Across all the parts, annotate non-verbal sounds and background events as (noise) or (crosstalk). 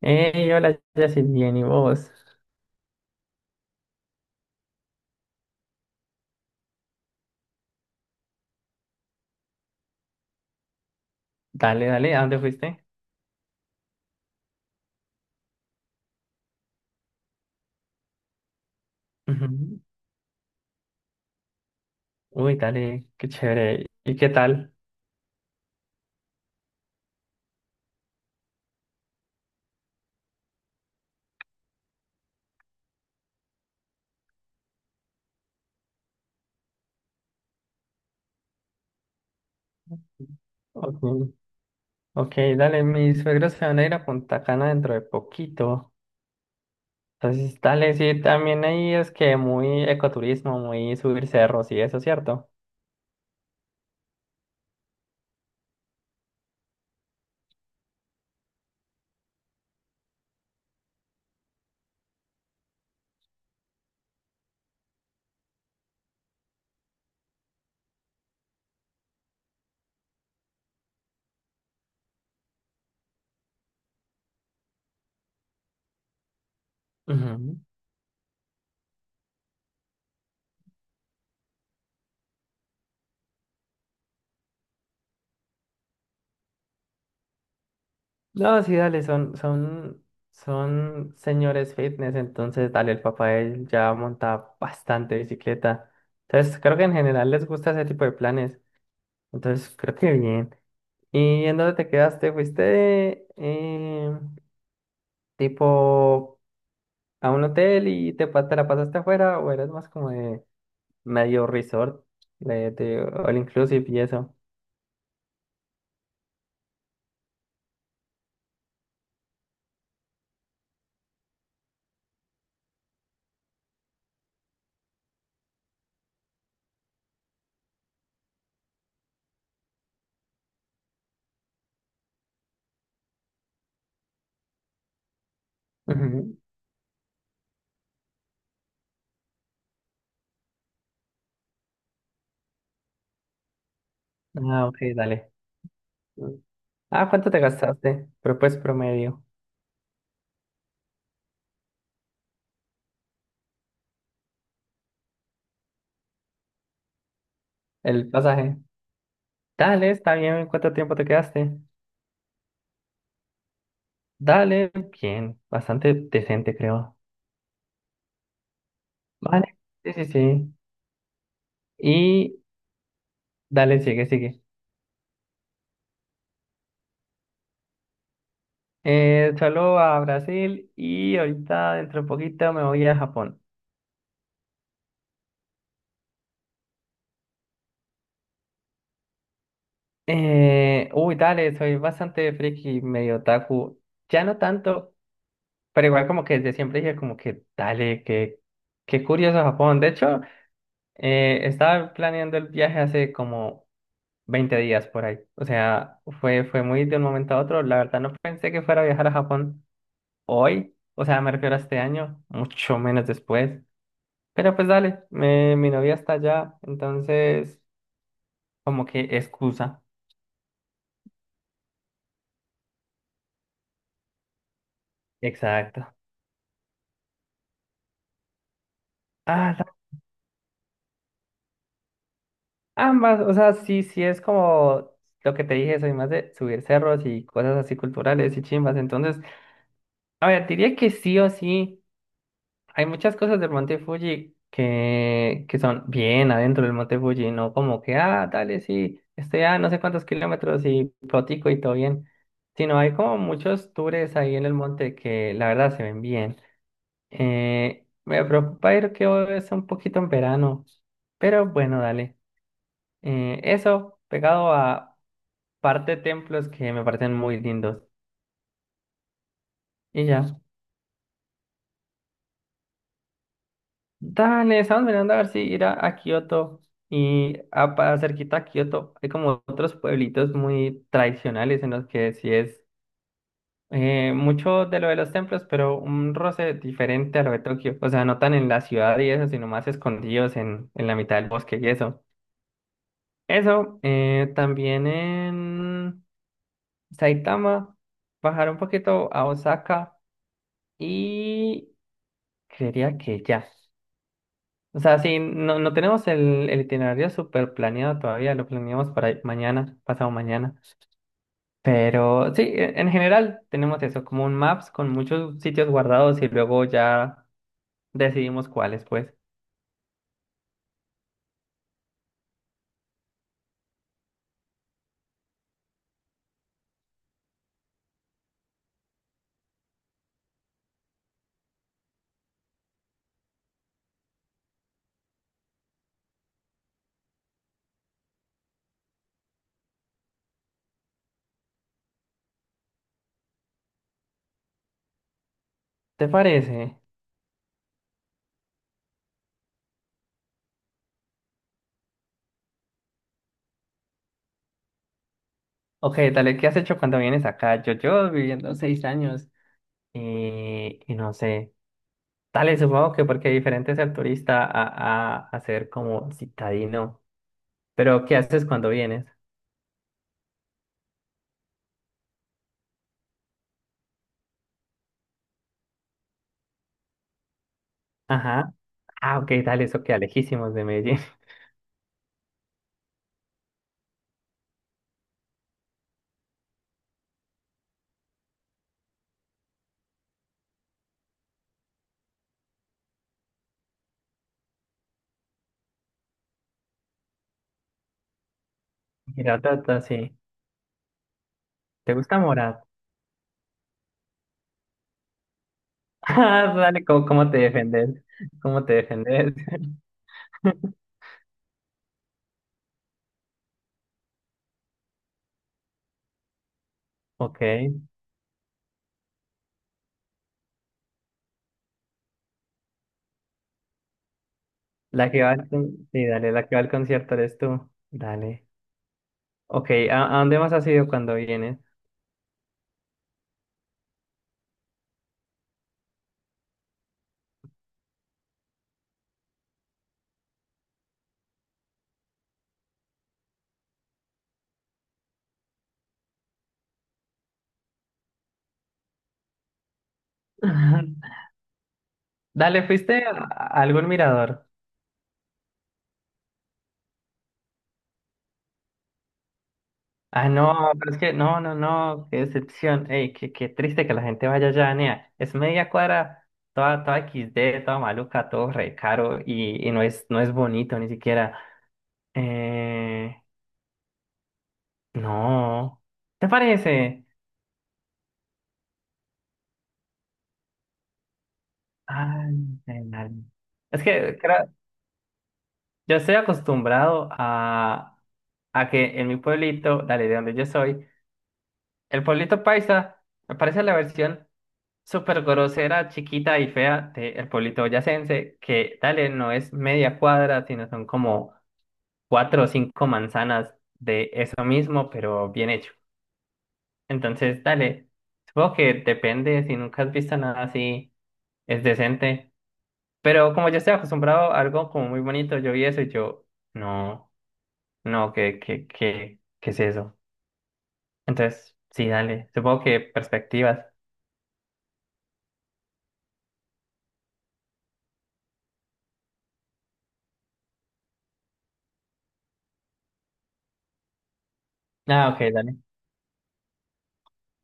Hey, hola, Jessy, bien, ¿y vos? Dale, dale, ¿a dónde fuiste? Ujú. Uy, dale, qué chévere. ¿Y qué tal? Ok, ok, dale, mis suegros se van a ir a Punta Cana dentro de poquito. Entonces, dale, sí, también ahí es que muy ecoturismo, muy subir cerros y eso, ¿cierto? Ujú. No, sí, dale, son señores fitness, entonces dale, el papá de él ya monta bastante bicicleta. Entonces, creo que en general les gusta ese tipo de planes. Entonces, creo que bien. ¿Y en dónde te quedaste? ¿Fuiste tipo a un hotel y te la pasaste afuera o eras más como de medio resort, de all inclusive y eso? Ujú. Ah, ok, dale. Mm. Ah, ¿cuánto te gastaste? Pero pues promedio. El pasaje. Dale, está bien. ¿Cuánto tiempo te quedaste? Dale, bien. Bastante decente, creo. Vale. Sí, sí, sí. Y dale, sigue, sigue. Solo a Brasil y ahorita dentro de poquito me voy a Japón. Uy, dale, soy bastante friki, medio otaku. Ya no tanto, pero igual como que desde siempre dije como que dale, que qué curioso Japón. De hecho, estaba planeando el viaje hace como 20 días por ahí. O sea, fue muy de un momento a otro. La verdad no pensé que fuera a viajar a Japón hoy. O sea, me refiero a este año, mucho menos después. Pero pues dale, mi novia está allá, entonces como que excusa. Exacto. Ah, la- Ambas, o sea, sí, sí es como lo que te dije, soy más de subir cerros y cosas así culturales y chimbas. Entonces, a ver, diría que sí o sí, hay muchas cosas del Monte Fuji que son bien adentro del Monte Fuji, no como que, ah, dale, sí, estoy a no sé cuántos kilómetros y protico y todo bien, sino hay como muchos tours ahí en el monte que la verdad se ven bien. Me preocupa ir que hoy es un poquito en verano, pero bueno, dale. Eso, pegado a parte templos que me parecen muy lindos. Y ya. Dale, estamos mirando a ver si ir a Kioto. Y para cerquita a Kioto hay como otros pueblitos muy tradicionales en los que sí es mucho de lo de los templos, pero un roce diferente a lo de Tokio. O sea, no tan en la ciudad y eso, sino más escondidos en la mitad del bosque y eso. Eso, también en Saitama, bajar un poquito a Osaka y creería que ya. O sea, sí, no, no tenemos el itinerario súper planeado todavía, lo planeamos para mañana, pasado mañana. Pero sí, en general tenemos eso, como un maps con muchos sitios guardados y luego ya decidimos cuáles, pues. ¿Te parece? Ok, dale, ¿qué has hecho cuando vienes acá? Yo viviendo 6 años y no sé. Dale, supongo que porque diferente es ser turista a ser como citadino. Pero, ¿qué haces cuando vienes? Ajá. Ah, ok, dale, eso queda lejísimos de Medellín. (laughs) Tata, sí. ¿Te gusta Morat? (laughs) Ah, dale, ¿cómo te defendes? ¿Cómo te defendes? (laughs) Ok. La que va sí, dale, la que va al concierto eres tú. Dale. Ok, ¿a dónde más has ido cuando vienes? (laughs) Dale, ¿fuiste a algún mirador? Ah, no, pero es que no, no, no, qué decepción. Ey, qué triste que la gente vaya allá, nea. Es media cuadra, toda, toda XD, toda maluca, todo re caro y no es, no es bonito ni siquiera. Eh, no. ¿Te parece? Ay, ay, es que yo estoy acostumbrado a que en mi pueblito, dale, de donde yo soy, el pueblito paisa me parece la versión súper grosera, chiquita y fea del pueblito boyacense, que dale, no es media cuadra, sino son como 4 o 5 manzanas de eso mismo, pero bien hecho. Entonces, dale, supongo que depende, si nunca has visto nada así, es decente. Pero como yo estoy acostumbrado a algo como muy bonito, yo vi eso y yo, no, no, ¿qué es eso? Entonces, sí, dale, supongo que perspectivas. Ah, ok, dale.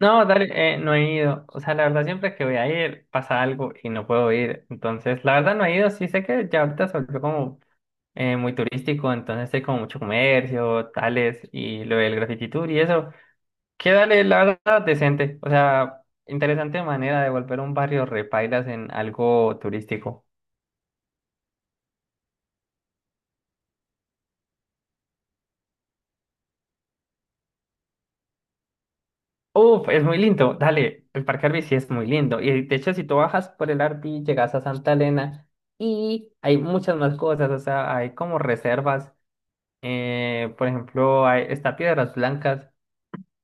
No, dale, no he ido. O sea, la verdad, siempre que voy a ir pasa algo y no puedo ir. Entonces, la verdad, no he ido. Sí sé que ya ahorita se volvió como muy turístico, entonces hay como mucho comercio, tales, y lo del graffiti tour y eso. Que dale, la verdad, decente. O sea, interesante manera de volver un barrio repailas en algo turístico. Uf, es muy lindo. Dale, el Parque Arví sí es muy lindo. Y de hecho, si tú bajas por el Arví, llegas a Santa Elena y hay muchas más cosas. O sea, hay como reservas. Por ejemplo, hay, está Piedras Blancas,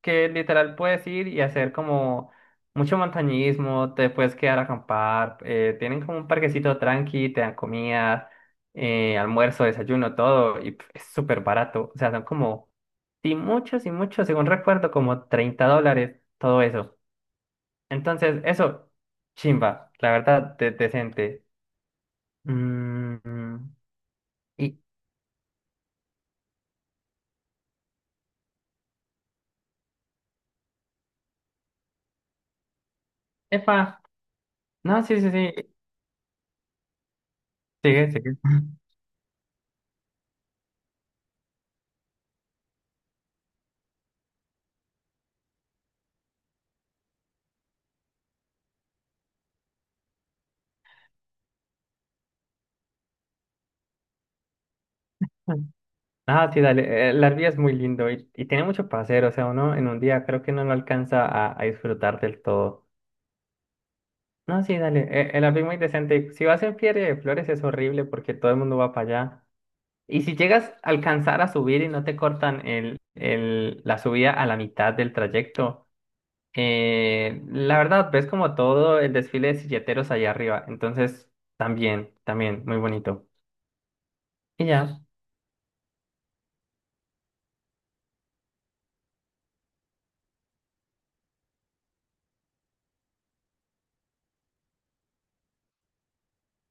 que literal puedes ir y hacer como mucho montañismo, te puedes quedar a acampar, tienen como un parquecito tranqui, te dan comida, almuerzo, desayuno, todo, y pf, es súper barato. O sea, son como, sí, muchos y muchos, según recuerdo, como $30, todo eso. Entonces, eso, chimba, la verdad, decente. Mm, y, epa, no, sí, sí, sí, sigue, sigue. (laughs) Ah, sí, dale. La Arvia es muy lindo y tiene mucho para hacer. O sea, uno en un día creo que no lo alcanza a disfrutar del todo. No, sí, dale. El Arvia es muy decente. Si vas en Feria de Flores es horrible porque todo el mundo va para allá. Y si llegas a alcanzar a subir y no te cortan la subida a la mitad del trayecto, la verdad, ves como todo el desfile de silleteros allá arriba. Entonces, también, también, muy bonito. Y ya.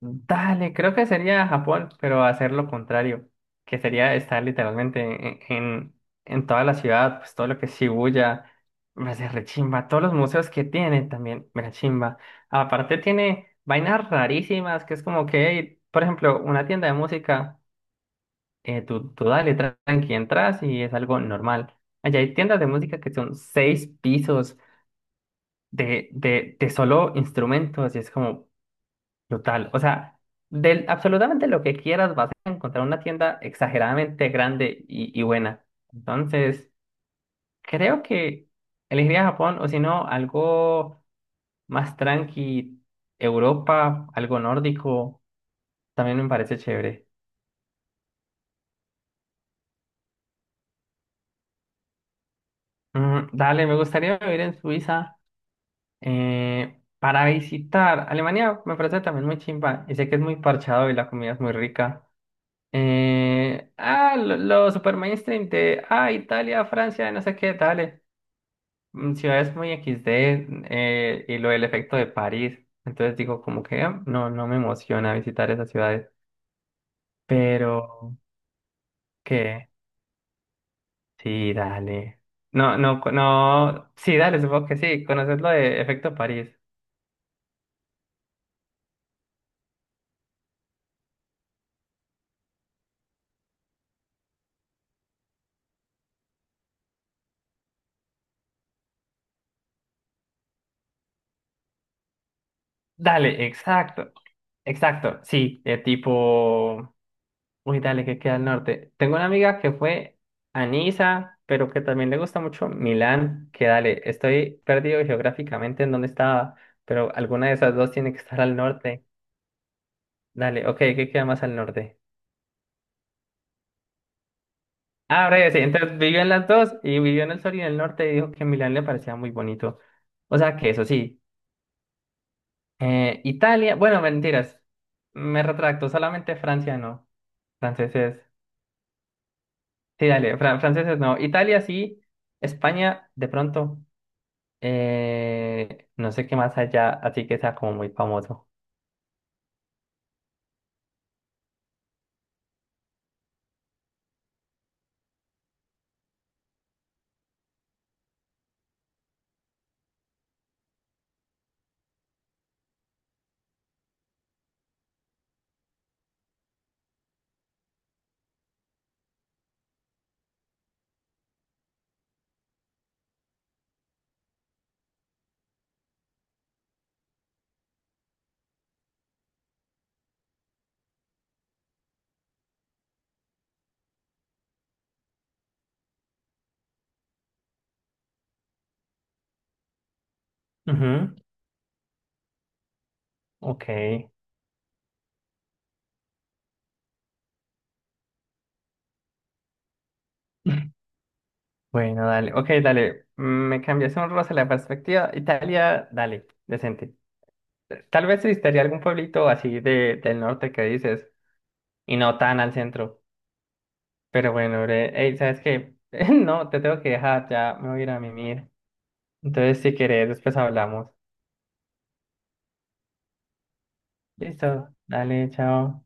Dale, creo que sería Japón, pero hacer lo contrario, que sería estar literalmente en toda la ciudad, pues todo lo que es Shibuya, me hace rechimba, todos los museos que tiene también, me rechimba. Aparte tiene vainas rarísimas, que es como que, hey, por ejemplo, una tienda de música, tú dale, tranqui, entras y es algo normal. Allá hay tiendas de música que son 6 pisos de solo instrumentos y es como, total, o sea, de absolutamente lo que quieras vas a encontrar una tienda exageradamente grande y buena. Entonces, creo que elegiría Japón o si no, algo más tranqui, Europa, algo nórdico, también me parece chévere. Mm, dale, me gustaría vivir en Suiza para visitar. Alemania me parece también muy chimba y sé que es muy parchado y la comida es muy rica. Lo super mainstream de, Italia, Francia, no sé qué, dale. Mm, ciudades muy XD y lo del efecto de París. Entonces digo, como que no, no me emociona visitar esas ciudades. Pero, ¿qué? Sí, dale. No, no, no. Sí, dale, supongo que sí. Conoces lo de efecto París. Dale, exacto. Exacto, sí. Tipo. Uy, dale, que queda al norte. Tengo una amiga que fue a Niza, pero que también le gusta mucho Milán, que dale, estoy perdido geográficamente en dónde estaba, pero alguna de esas dos tiene que estar al norte. Dale, ok, ¿qué queda más al norte? Ah, breve, sí, entonces vivió en las dos y vivió en el sur y en el norte y dijo que Milán le parecía muy bonito. O sea que eso sí, Italia, bueno, mentiras, me retracto, solamente Francia no, franceses, sí, dale, franceses no, Italia sí, España de pronto. No sé qué más allá, así que sea como muy famoso. Ujú, ok. (laughs) Bueno, dale. Ok, dale. Me cambiaste un roce la perspectiva. Italia, dale, decente. Tal vez visitaría algún pueblito así de, del norte que dices, y no tan al centro. Pero bueno, bre, ey, ¿sabes qué? (laughs) No, te tengo que dejar, ya me voy a ir a mimir. Entonces, si querés, después hablamos. Listo, dale, chao.